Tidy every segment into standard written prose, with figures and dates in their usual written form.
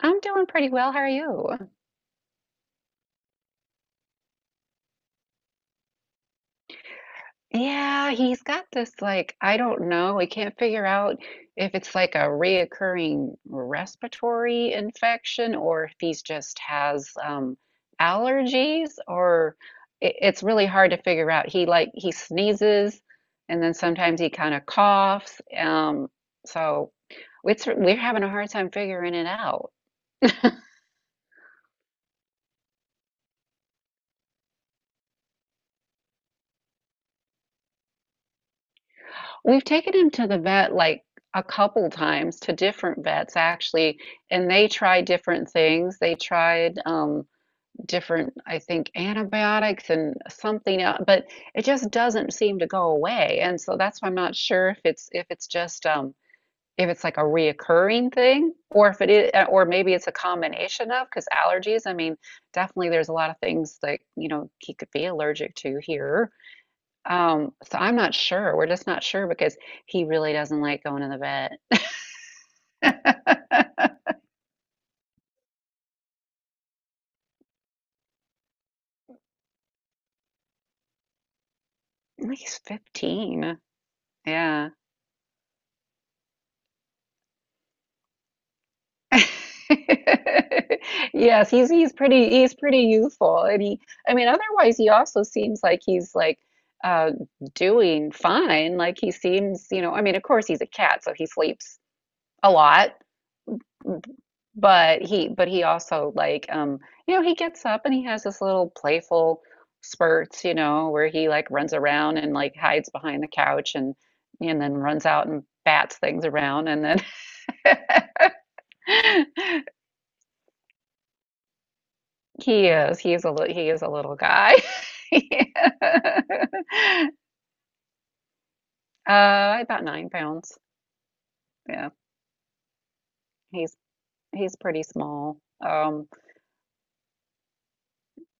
I'm doing pretty well. How are you? Yeah, he's got this like, I don't know. We can't figure out if it's like a reoccurring respiratory infection or if he's just has allergies or it's really hard to figure out. He sneezes and then sometimes he kind of coughs. So it's we're having a hard time figuring it out. We've taken him to the vet like a couple times to different vets actually, and they tried different things. They tried different, I think, antibiotics and something else, but it just doesn't seem to go away. And so that's why I'm not sure if it's just if it's like a reoccurring thing, or if it is, or maybe it's a combination of because allergies. I mean, definitely there's a lot of things that he could be allergic to here. So I'm not sure. We're just not sure because he really doesn't like going to the vet. Like, he's 15. Yeah. Yes, he's pretty youthful and he I mean otherwise he also seems like he's like uh doing fine. Like he seems, you know, I mean of course he's a cat so he sleeps a lot. But he also like, you know, he gets up and he has this little playful spurts, you know, where he like runs around and like hides behind the couch and then runs out and bats things around and then he is a little guy. Yeah. About 9 pounds. Yeah, he's he's pretty small. Um,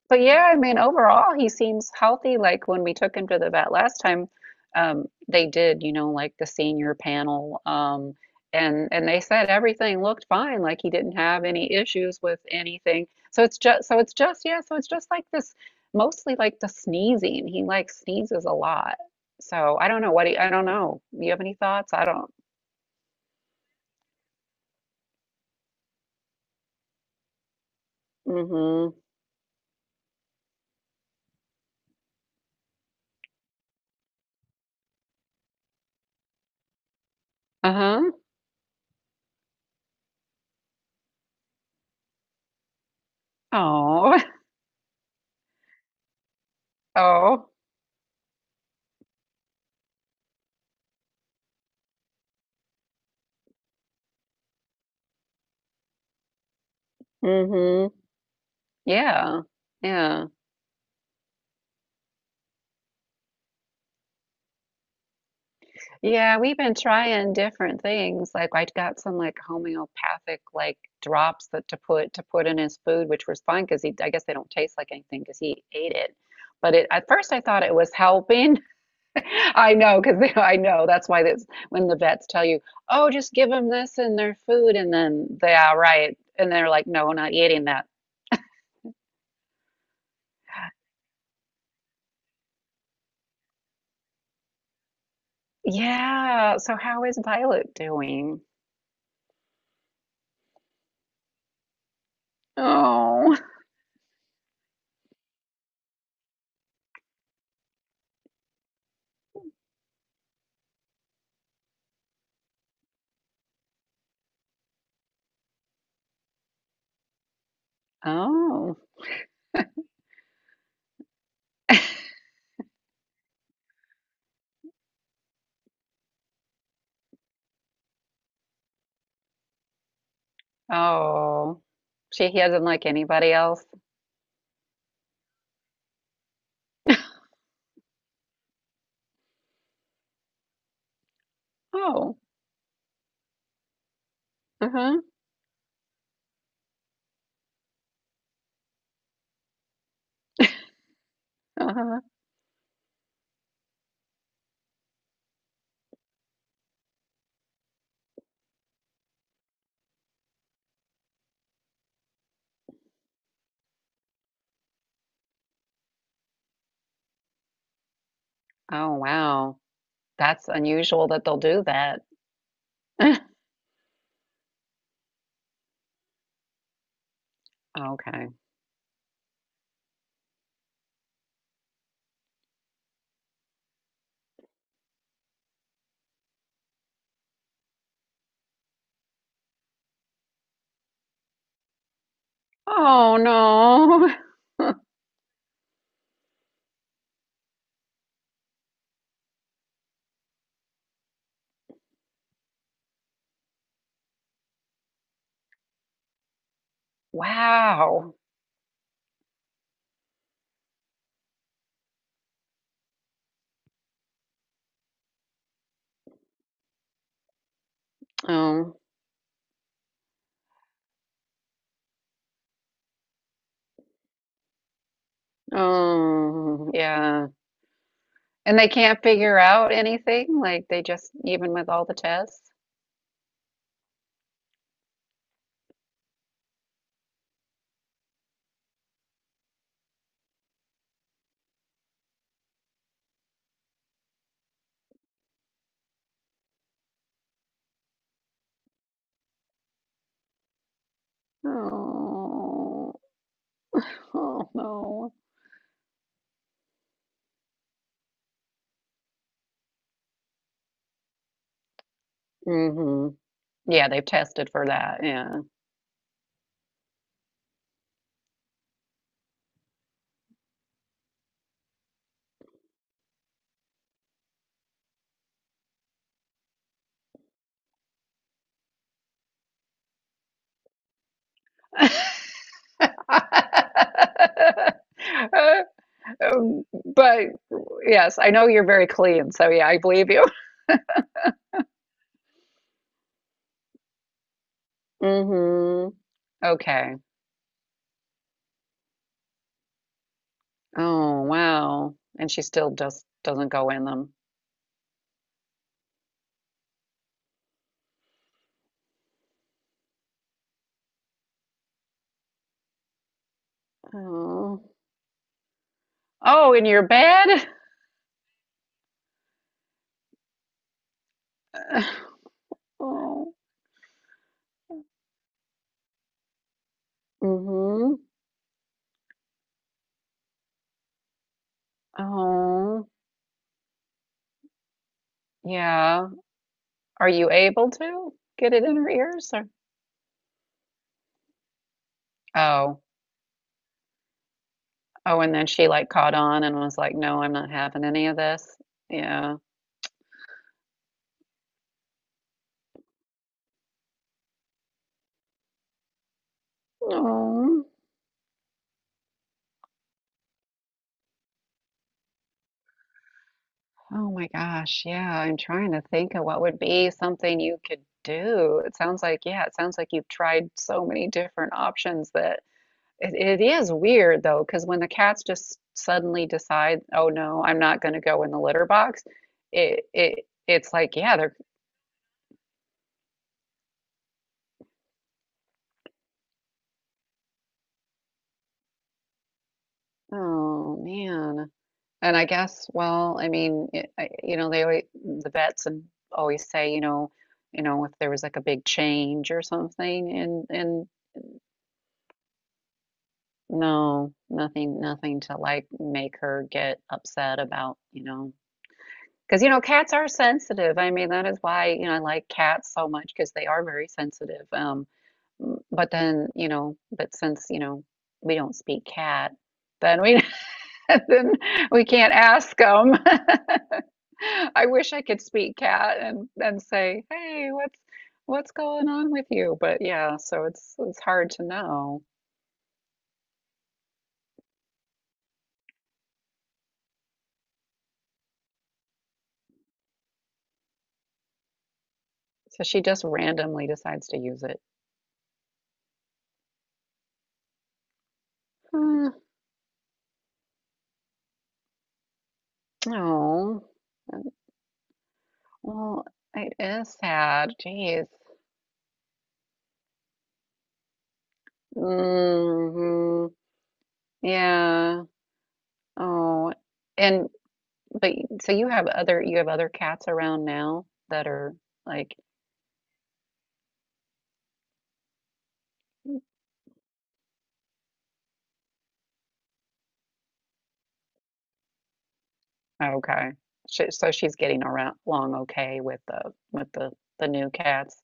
But yeah, I mean, overall, he seems healthy. Like when we took him to the vet last time, they did, you know, like the senior panel, and they said everything looked fine. Like he didn't have any issues with anything. So it's just like this, mostly like the sneezing. He like sneezes a lot. So I don't know what he, I don't know. You have any thoughts? I don't. Mm-hmm. Uh-huh. Oh. Oh. Mm-hmm. Yeah. Yeah. Yeah, we've been trying different things. Like I got some like homeopathic like drops that to put in his food, which was fine because he I guess they don't taste like anything because he ate it. But it, at first I thought it was helping. I know because I know that's why that's when the vets tell you, oh, just give them this in their food, and then they are right, and they're like, no, we're not eating that. Yeah. So how is Violet doing? Oh, oh. Oh, she he does not like anybody else. Oh, uh-huh, uh-huh. Oh, wow. That's unusual that they'll do that. Okay. Oh no. Wow. Oh, oh yeah. And they can't figure out anything, like they just even with all the tests. Oh, oh no. Hmm. Yeah, they've tested for that. Yeah. Um, but yes, I know you're very clean, so yeah, I believe you. Mm-hmm. Okay. Oh, wow. And she still just doesn't go in them. Oh. Oh, in your bed? Oh, mm-hmm, oh, yeah. Are you able to get it in her ears or? Oh, oh, and then she like caught on and was like, "No, I'm not having any of this." Yeah. Oh. Oh my gosh, yeah. I'm trying to think of what would be something you could do. It sounds like, yeah, it sounds like you've tried so many different options that it is weird though, because when the cats just suddenly decide, oh no, I'm not going to go in the litter box, it's like, yeah, they're, oh man. And I guess, well, I mean, it, I, you know, they always, the vets and always say, you know, if there was like a big change or something in no, nothing, nothing to like make her get upset about, you know, because you know, cats are sensitive. I mean, that is why, you know, I like cats so much because they are very sensitive. M- but then, you know, but since, you know, we don't speak cat, then we then we can't ask them. I wish I could speak cat and say, "Hey, what's going on with you?" But yeah, so it's hard to know. So she just randomly decides to use it. Mm, oh, well, it is sad. Jeez. Mm-hmm. Yeah. Oh, and but so you have other cats around now that are like okay. She, so she's getting around along okay with the with the the new cats.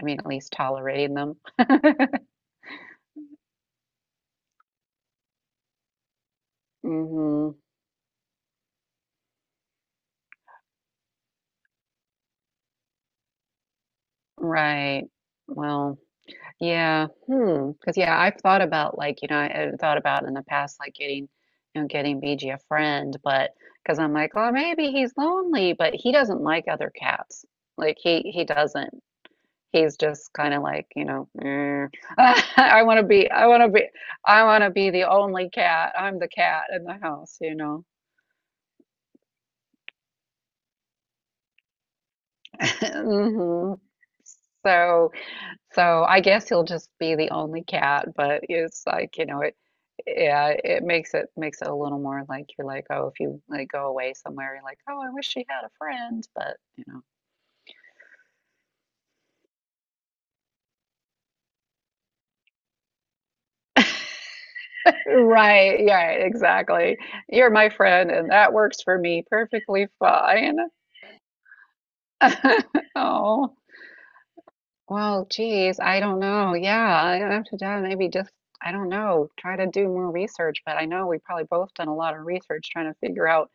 I mean, at least tolerating them. Mm-hmm. Right. Well. Yeah. Hmm. Because yeah, I've thought about like, you know, I- I've thought about in the past like getting, you know, getting B G a friend, but because I'm like, oh, maybe he's lonely, but he doesn't like other cats. Like he doesn't. He's just kind of like, you know, "Eh, I want to be, I want to be, I want to be the only cat. I'm the cat in the house, you know." Hmm. So so I guess he'll just be the only cat, but it's like, you know, it yeah, it makes it a little more like you're like, oh, if you like go away somewhere, you're like, oh, I wish she had a friend, but you know. Right, yeah, exactly. You're my friend and that works for me perfectly fine. Oh. Well, geez, I don't know. Yeah, I have to do maybe just I don't know, try to do more research, but I know we probably both done a lot of research trying to figure out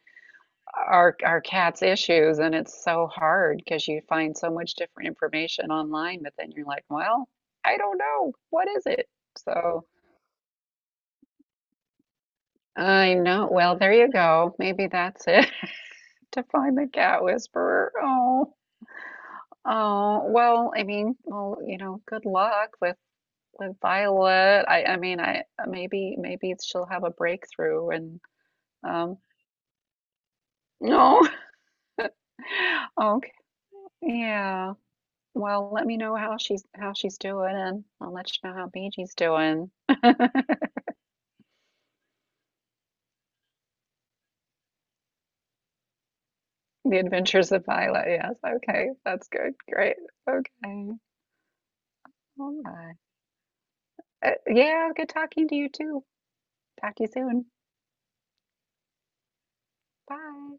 our cat's issues and it's so hard because you find so much different information online but then you're like well I don't know what is it so I know well there you go maybe that's it to find the cat whisperer oh oh well I mean well you know good luck with Violet I mean I maybe maybe she'll have a breakthrough and um no okay yeah. Well, let me know how she's doing, and I'll let you know how BG's doing. The Adventures of Violet. Yes. Okay. That's good. Great. Okay. All right. Yeah. Good talking to you too. Talk to you soon. Bye.